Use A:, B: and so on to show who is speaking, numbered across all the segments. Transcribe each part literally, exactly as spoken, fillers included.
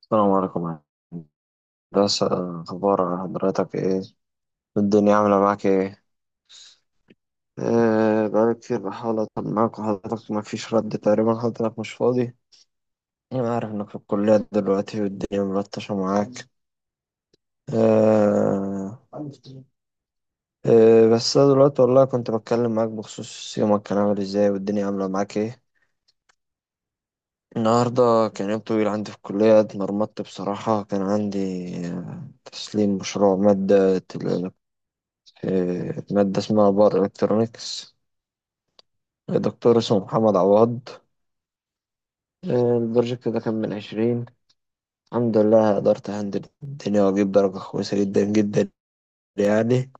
A: السلام عليكم. بس أخبار حضرتك إيه؟ الدنيا عاملة معاك إيه؟ إيه، بقالي كتير بحاول أطمن معاك وحضرتك مفيش رد تقريبا، حضرتك مش فاضي. أنا عارف إنك في الكلية دلوقتي والدنيا ملطشة معاك. إيه؟ إيه بس أنا دلوقتي والله كنت بتكلم معاك بخصوص يومك كان عامل إزاي، والدنيا عاملة معاك إيه؟ النهاردة كان يوم طويل عندي في الكلية، اتمرمطت بصراحة. كان عندي آه، تسليم مشروع مادة. آه، مادة اسمها باور إلكترونيكس، دكتور اسمه محمد عواد. آه، البروجكت ده كان من عشرين. الحمد لله قدرت أهندل الدنيا وأجيب درجة كويسة جدا جدا يعني.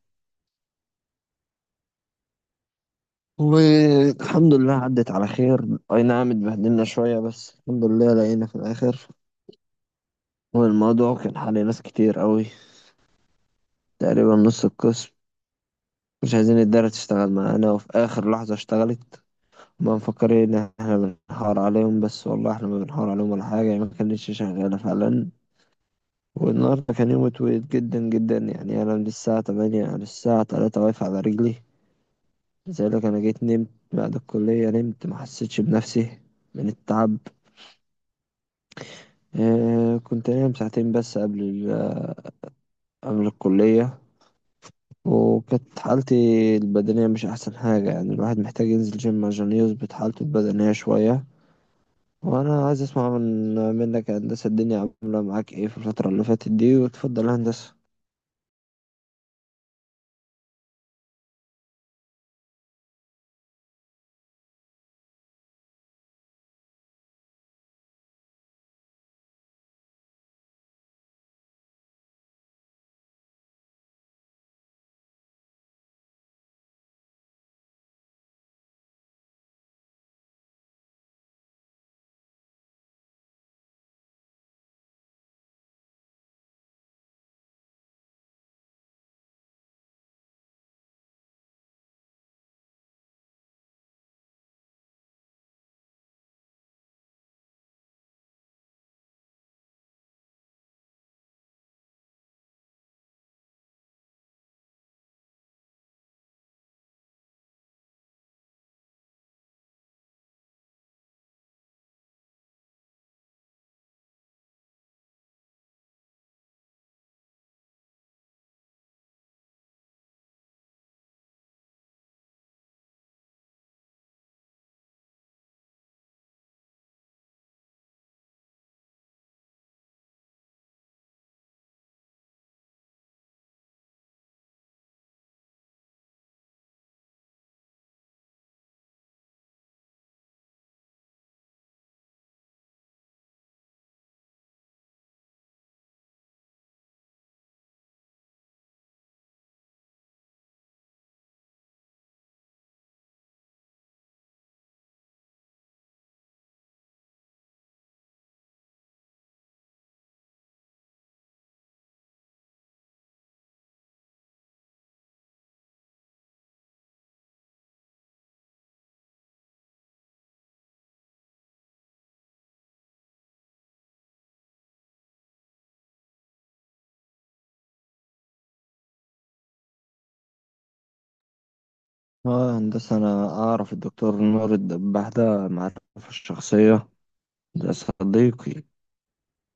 A: والحمد لله عدت على خير، أي نعم اتبهدلنا شوية بس الحمد لله لقينا في الآخر. والموضوع كان حل ناس كتير قوي، تقريبا نص القسم، مش عايزين الدارة تشتغل معانا وفي آخر لحظة اشتغلت. ما مفكرين إن احنا بنحاور عليهم، بس والله احنا ما بنحاور عليهم ولا حاجة، يعني ما كانتش شغالة فعلا. والنهاردة كان يوم طويل جدا جدا، يعني أنا من الساعة تمانية على الساعة تلاتة واقف على رجلي. لذلك أنا جيت نمت بعد الكلية، نمت ما حسيتش بنفسي من التعب. آه كنت نايم ساعتين بس قبل ال- قبل الكلية، وكانت حالتي البدنية مش أحسن حاجة. يعني الواحد محتاج ينزل جيم عشان يظبط حالته البدنية شوية. وأنا عايز أسمع من منك يا هندسة، الدنيا عاملة معاك إيه في الفترة اللي فاتت دي؟ وتفضل يا هندسة. اه هندسة، أنا أعرف الدكتور نور الدباح ده معرفة الشخصية. ده صديقي،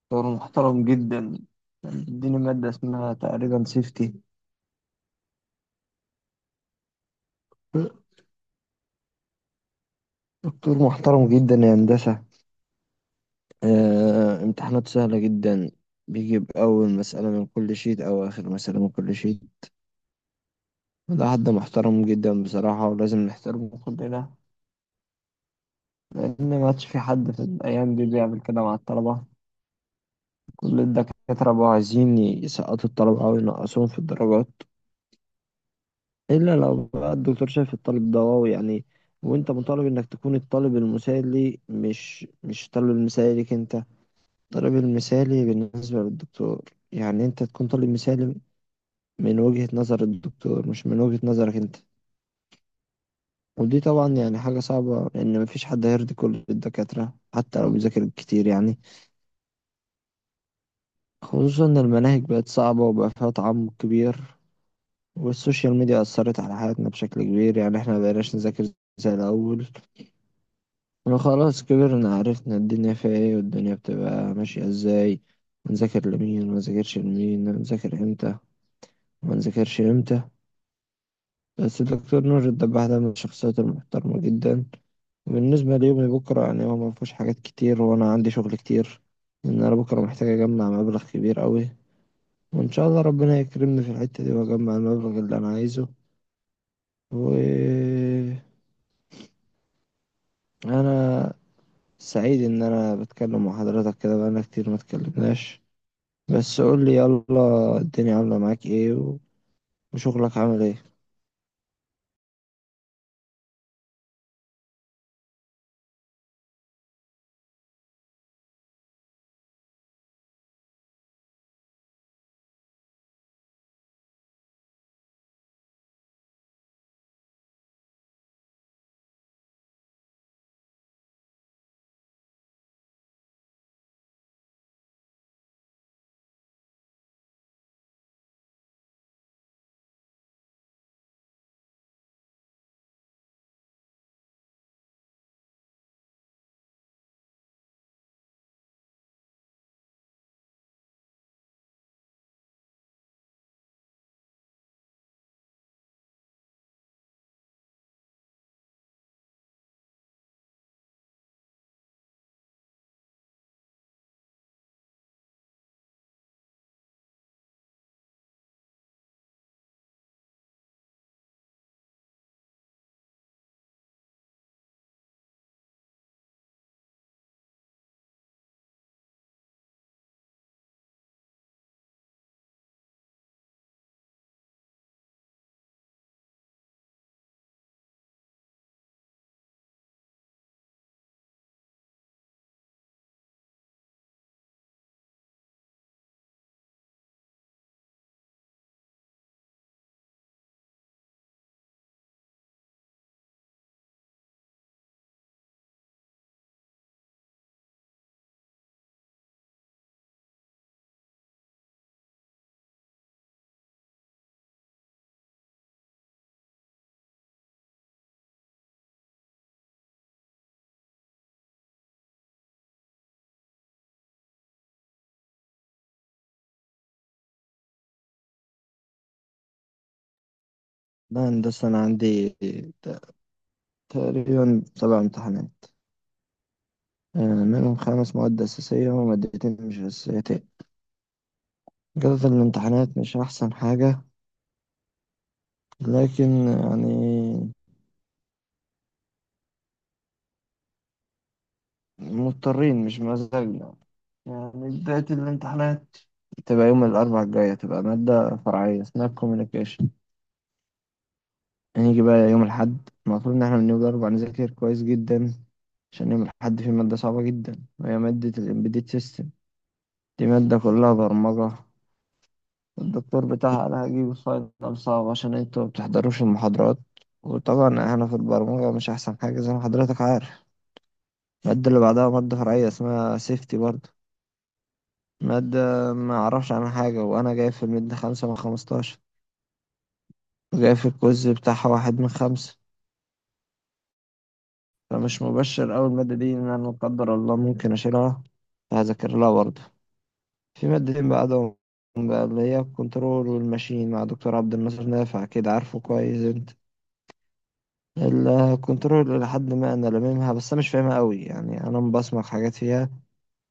A: دكتور محترم جدا. كان بيديني مادة اسمها تقريبا سيفتي. دكتور محترم جدا يا هندسة. آه امتحانات سهلة جدا، بيجيب أول مسألة من كل شيت أو آخر مسألة من كل شيت. ده حد محترم جدا بصراحة، ولازم نحترمه كلنا، لأن ما عادش في حد في الأيام دي بيعمل كده مع الطلبة. كل الدكاترة بقوا عايزين يسقطوا الطلبة أو ينقصوهم في الدرجات، إلا لو بقى الدكتور شايف الطالب ده واو يعني. وأنت مطالب إنك تكون الطالب المثالي، مش مش الطالب المثالي ليك أنت، الطالب المثالي بالنسبة للدكتور. يعني أنت تكون طالب مثالي من وجهة نظر الدكتور مش من وجهة نظرك أنت. ودي طبعا يعني حاجة صعبة، لأن مفيش حد هيرضي كل الدكاترة حتى لو بيذاكر كتير يعني. خصوصا إن المناهج بقت صعبة وبقى فيها تعمق كبير، والسوشيال ميديا أثرت على حياتنا بشكل كبير. يعني إحنا مبقيناش نذاكر زي الأول، احنا خلاص كبرنا، عرفنا الدنيا فيها إيه والدنيا بتبقى ماشية إزاي، ونذاكر لمين ونذاكرش لمين، ونذاكر إمتى ونذاكرش إمتى. بس الدكتور نور الدباح ده من الشخصيات المحترمة جدا. وبالنسبة ليومي بكرة، يعني هو مفهوش حاجات كتير وأنا عندي شغل كتير. إن أنا بكرة محتاج أجمع مبلغ كبير أوي، وإن شاء الله ربنا يكرمني في الحتة دي وأجمع المبلغ اللي أنا عايزه. و أنا سعيد إن أنا بتكلم مع حضرتك كده، بقالنا كتير ما اتكلمناش. بس قول لي يلا، الدنيا عاملة معاك إيه و- وشغلك عامل إيه؟ لا هندسة، أنا عندي ت- تقريبا سبع امتحانات، آه، منهم خمس مواد أساسية ومادتين مش أساسيتين. جودة الامتحانات مش أحسن حاجة، لكن يعني مضطرين مش مزاجنا. يعني بداية الامتحانات تبقى يوم الأربعاء الجاية، تبقى مادة فرعية اسمها كوميونيكيشن. هنيجي بقى يوم الأحد، المفروض إن احنا بنرجع نذاكر كويس جدا، عشان يوم الأحد في مادة صعبة جدا وهي مادة الإمبيديد سيستم. دي مادة كلها برمجة. الدكتور بتاعها قال هجيب فاينل صعب عشان انتوا ما بتحضروش المحاضرات، وطبعا احنا في البرمجة مش أحسن حاجة زي ما حضرتك عارف. المادة اللي بعدها مادة فرعية اسمها سيفتي برضه. مادة ما أعرفش عنها حاجة، وأنا جايب في المادة خمسة من خمستاشر، وجايب في الكوز بتاعها واحد من خمسة. فمش مبشر أوي المادة دي، إن أنا لا قدر الله ممكن أشيلها. هذاكر لها برضه. في مادتين بعدهم بقى، اللي هي الكنترول والماشين، مع دكتور عبد الناصر نافع كده عارفه كويس أنت. الكنترول لحد ما أنا لاممها، بس أنا مش فاهمها أوي يعني، أنا مبصمك حاجات فيها.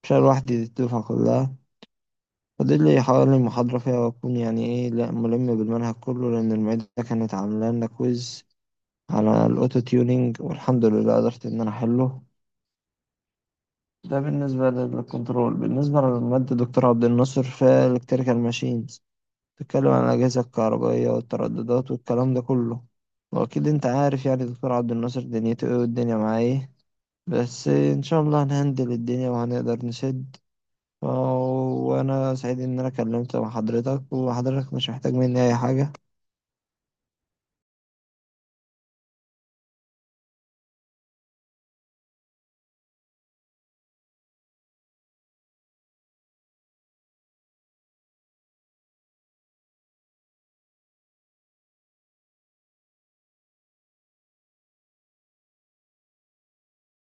A: مش أنا لوحدي، دي الدفعة كلها. فاضل لي حوالي محاضرة فيها وأكون يعني إيه، لأ ملم بالمنهج كله، لأن المعيدة كانت عاملة لنا كويز على الأوتو تيونينج والحمد لله قدرت إن أنا أحله. ده بالنسبة للكنترول. بالنسبة للمادة دكتور عبد الناصر في الكتريكال ماشينز، تتكلم عن الأجهزة الكهربائية والترددات والكلام ده كله. وأكيد أنت عارف يعني دكتور عبد الناصر دنيته إيه والدنيا معاه إيه. بس إن شاء الله هنهندل الدنيا وهنقدر نسد. وأنا سعيد إن أنا كلمت مع حضرتك، وحضرتك مش محتاج مني أي حاجة.